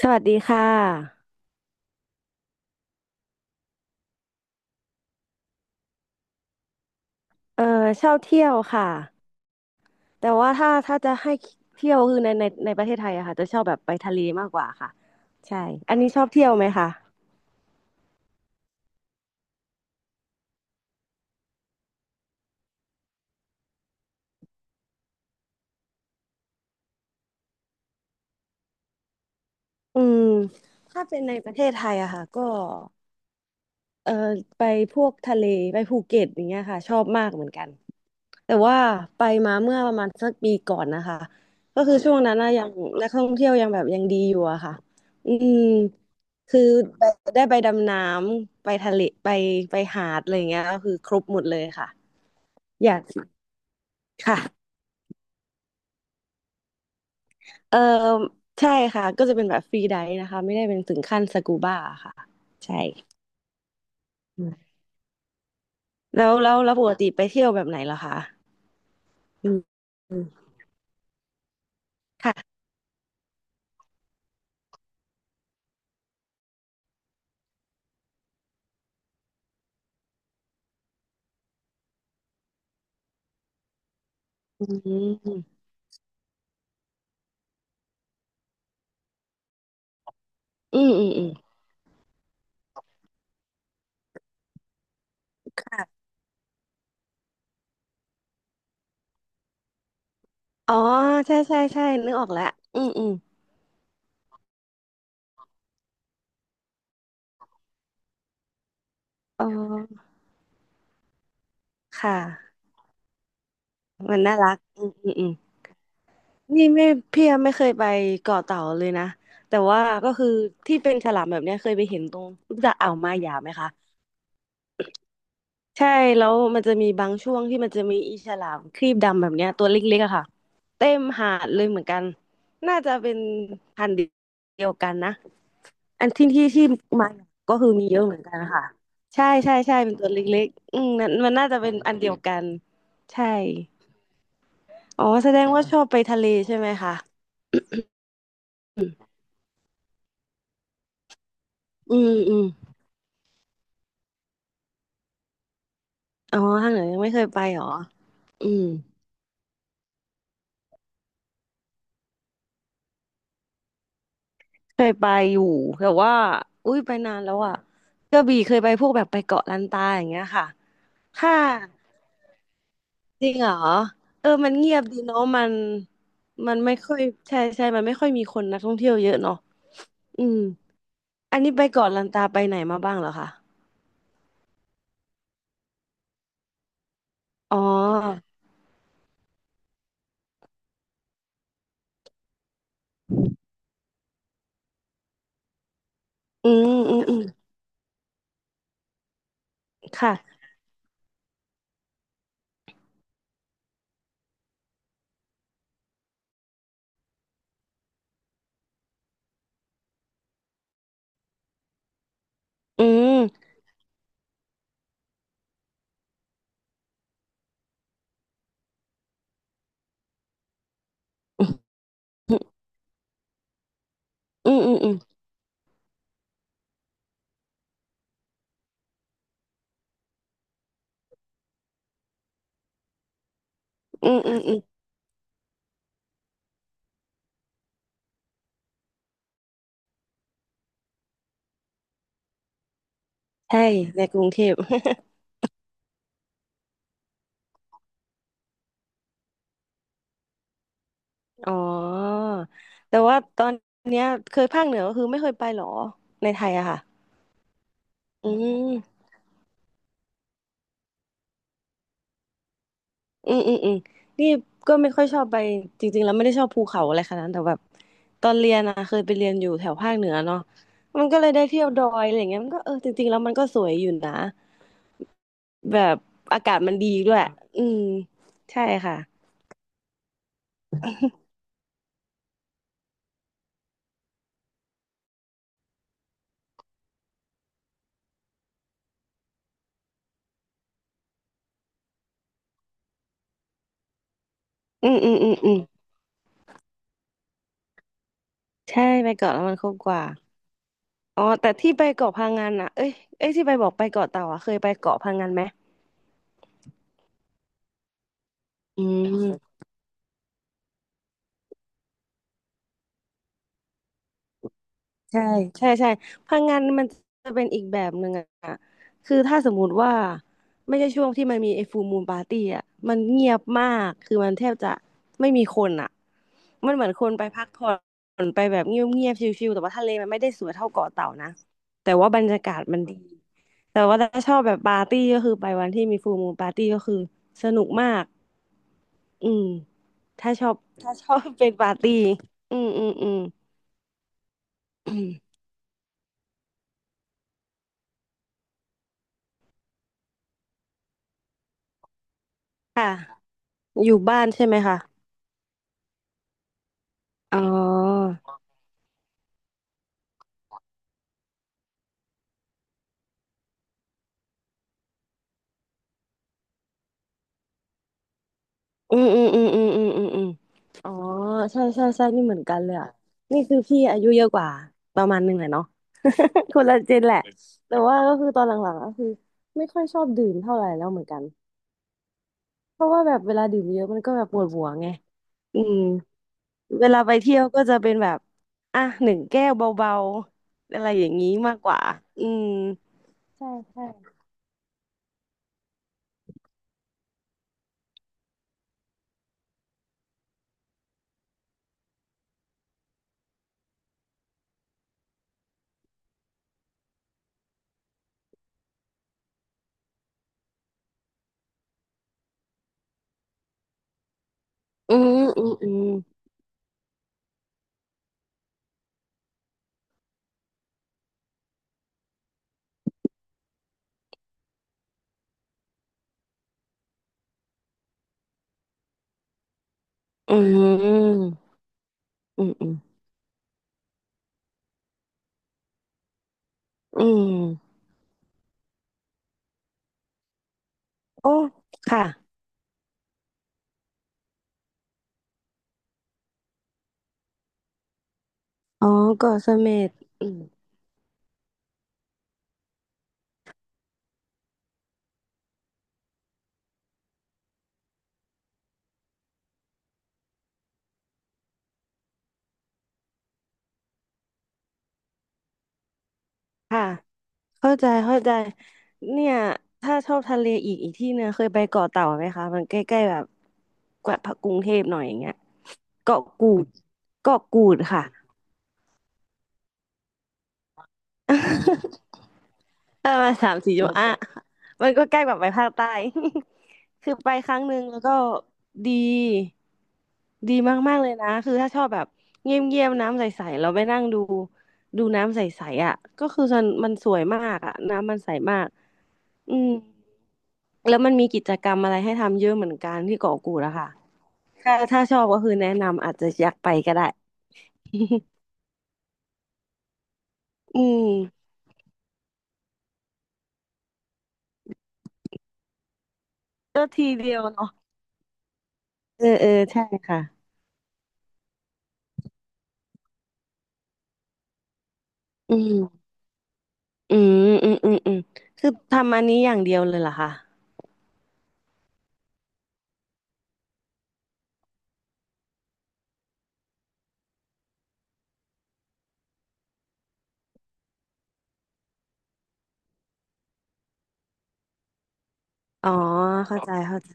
สวัสดีค่ะเออชอบเที่ยวค่ะแต่ว่าถ้าจะให้เที่ยวคือในประเทศไทยอะค่ะจะชอบแบบไปทะเลมากกว่าค่ะใช่อันนี้ชอบเที่ยวไหมคะอืมถ้าเป็นในประเทศไทยอะค่ะก็เออไปพวกทะเลไปภูเก็ตอย่างเงี้ยค่ะชอบมากเหมือนกัน แต่ว่าไปมาเมื่อประมาณสักปีก่อนนะคะก็คือช่วงนั้นนะยังนักท่องเที่ยวยังแบบยังดีอยู่อะค่ะอืมคือไปได้ไปดำน้ำไปทะเลไปหาดอะไรอย่างเงี้ยก็คือครบหมดเลยค่ะอยากค่ะเออใช่ค่ะก็จะเป็นแบบฟรีไดฟ์นะคะไม่ได้เป็นถึงขั้นสกูบ้าค่ะใช่อืมแล้วปกติไปเที่ยวแบบไหนเหรอคะอืมอืมค่ะอืมอืมอืมอืมค่ะ อ๋อใช่นึกออกแล้วอืมอืมอ๋อค่ะมันน่ารักอืมอืมอืมนี่ไม่พี่ยังไม่เคยไปเกาะเต่าเลยนะแต่ว่าก็คือที่เป็นฉลามแบบเนี้ยเคยไปเห็นตรงรู้จักอ่าวมาหยาไหมคะใช่แล้วมันจะมีบางช่วงที่มันจะมีอีฉลามครีบดำแบบเนี้ยตัวเล็กๆอะค่ะเต็มหาดเลยเหมือนกันน่าจะเป็นพันธุ์เดียวกันนะ อันที่มาก็คือมีเยอะเหมือนกันค่ะใช่เป็นตัวเล็กๆอืมนั่นมันน่าจะเป็นอันเดียวกันใช่อ๋อแสดงว่าชอบไปทะเลใช่ไหมคะอืมอืมอ๋อทางเหนือยังไม่เคยไปเหรออืมเคยไปอยู่แต่ว่าอุ้ยไปนานแล้วอ่ะกระบี่เคยไปพวกแบบไปเกาะลันตาอย่างเงี้ยค่ะค่ะจริงเหรอเออมันเงียบดีเนาะมันมันไม่ค่อยใช่มันไม่ค่อยมีคนนักท่องเที่ยวเยอะเนาะอืม อันนี้ไปเกาะลันตาไปไหนมาบ้างเหรอคะอ๋ออืมอืมอืมค่ะอืมอืมอืมอืมอืมอืมอืมใช่ในกรุงเทพ อ๋อแต่ว่าตอนเนี้ยเคยภาคเหนือก็คือไม่เคยไปเหรอในไทยอะค่ะอืมอืมอืมอืมนี่ก็ไม่ค่อยชอบไปจริงๆแล้วไม่ได้ชอบภูเขาอะไรขนาดนั้นแต่แบบตอนเรียนอะเคยไปเรียนอยู่แถวภาคเหนือเนาะมันก็เลยได้เที่ยวดอยอะไรอย่างเงี้ยมันก็เออจริงๆแล้วมันก็สวยอยู่นะ แบบอากาศมันดีด้วย อืมใช่ค่ะ อืมอืมอืมอืมใช่ไปเกาะแล้วมันคุ้มกว่า อ๋อ แต่ที่ไปเกาะพะงันอ่ะเอ้ยเอ้ยที่ไปบอกไปเกาะเต่าอ่ะเคยไปเกาะพะงันไหม อืม ใช่ใช่พลังงานมันจะเป็นอีกแบบหนึ่งอะคือถ้าสมมุติว่าไม่ใช่ช่วงที่มันมีไอ้ฟูลมูนปาร์ตี้อะมันเงียบมากคือมันแทบจะไม่มีคนอะมันเหมือนคนไปพักผ่อนไปแบบเงียบเงียบชิลๆแต่ว่าทะเลมันไม่ได้สวยเท่าเกาะเต่านะแต่ว่าบรรยากาศมันดีแต่ว่าถ้าชอบแบบปาร์ตี้ก็คือไปวันที่มีฟูลมูนปาร์ตี้ก็คือสนุกมากอืมถ้าชอบถ้าชอบเป็นปาร์ตี้อืมอืมอืม ค่ะ อยู่บ้านใช่ไหมคะอ๋ออืมอืมอืมอืมอืมอืมอืมอ๋อใช่นี่เหมือนกันเลยอ่ะนี่คือพี่อายุเยอะกว่าประมาณหนึ่งเลยเนาะ คนละเจนแหละ แต่ว่าก็คือตอนหลังๆก็คือไม่ค่อยชอบดื่มเท่าไหร่แล้วเหมือนกันเพราะว่าแบบเวลาดื่มเยอะมันก็แบบปวดหัวไงอืมเวลาไปเที่ยวก็จะเป็นแบบอ่ะหนึ่งแก้วเบาๆอะไรอย่างนี้มากกว่าอืมใช่ใช่อืมอืมอืมอืมอืมอืมอืม โอ้ ค่ะ อ๋อเกาะเสม็ดอืมค่ะ เข้าใจ เข้าใจ เนี่ย ถ้าชอบทะเลอีกอีกที่เนี่ย เคยไปเกาะเต่าไหมคะ มันใกล้ๆแบบกว่ากรุงเทพหน่อยอย่างเงี้ยเกาะกูดเกาะกูดค่ะ เออมาสามสี่จังหวัดอ่ะมันก็ใกล้แบบไปภาคใต้ คือไปครั้งหนึ่งแล้วก็ดีดีมากๆเลยนะคือถ้าชอบแบบเงียบๆน้ำใสๆเราไปนั่งดูดูน้ำใสๆอ่ะก็คือมันมันสวยมากอ่ะน้ำมันใสมากอืมแล้วมันมีกิจกรรมอะไรให้ทำเยอะเหมือนกันที่เกาะกูดอะค่ะถ้าถ้าชอบก็คือแนะนำอาจจะอยากไปก็ได้อืมก็ทีเดียวเนาะเออเออใช่ค่ะอืม อืมอืมอืมอืมคือทำอันนี้อย่างเดียวเลยเหรอคะอ๋อเข้าใจเข้าใจ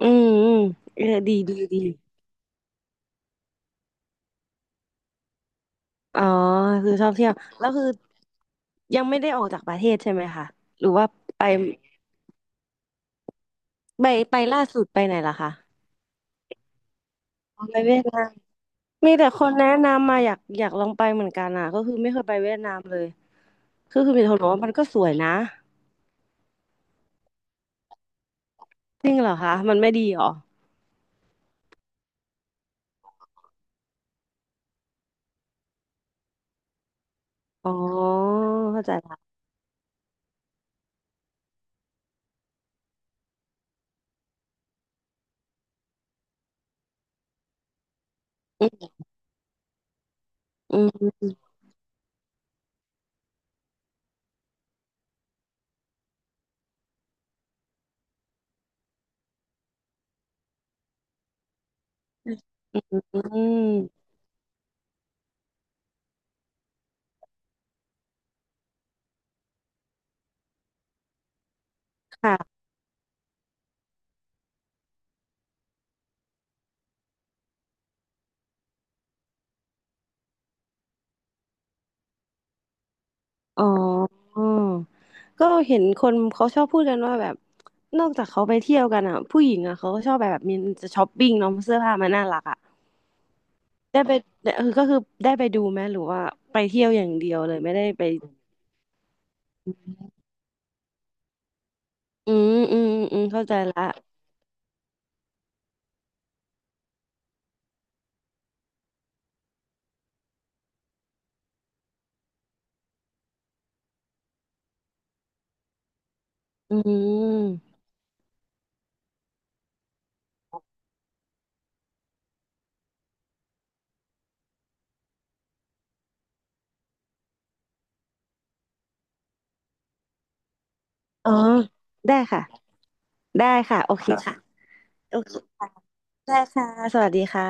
อืมอืมเออดีดีดีอ๋อคือชอบเที่ยวแล้วคือยังไม่ได้ออกจากประเทศใช่ไหมคะหรือว่าไปไปไปล่าสุดไปไหนล่ะคะอ๋อไปเวียดนามมีแต่คนแนะนำมาอยากลองไปเหมือนกันอ่ะก็คือไม่เคยไปเวียดนามเลยคือมีแต่คนบอกว่ามันก็สวยนะจริงเหรอคะมันไม่ดีเหรออ๋อเข้าใจละอืมอืมอืมอืมอืมค่ะ อ๋อก็เห็นคนเขาชอบพูดกันว่าแบบนอกจากเขาไปเที่ยวกันอ่ะผู้หญิงอ่ะเขาก็ชอบแบบมีจะช้อปปิ้งเนาะเสื้อผ้ามันน่ารักอ่ะได้ไปเออก็คือได้ไปดูไหมหรือว่าไปเที่ยวอย่างเดียวเลยไม่ได้ไปอืมอืมอืมเข้าใจละอืมอ๋อได้ค่ะได้ค่ะโอเคค่ะโอเคค่ะได้ค่ะสวัสดีค่ะ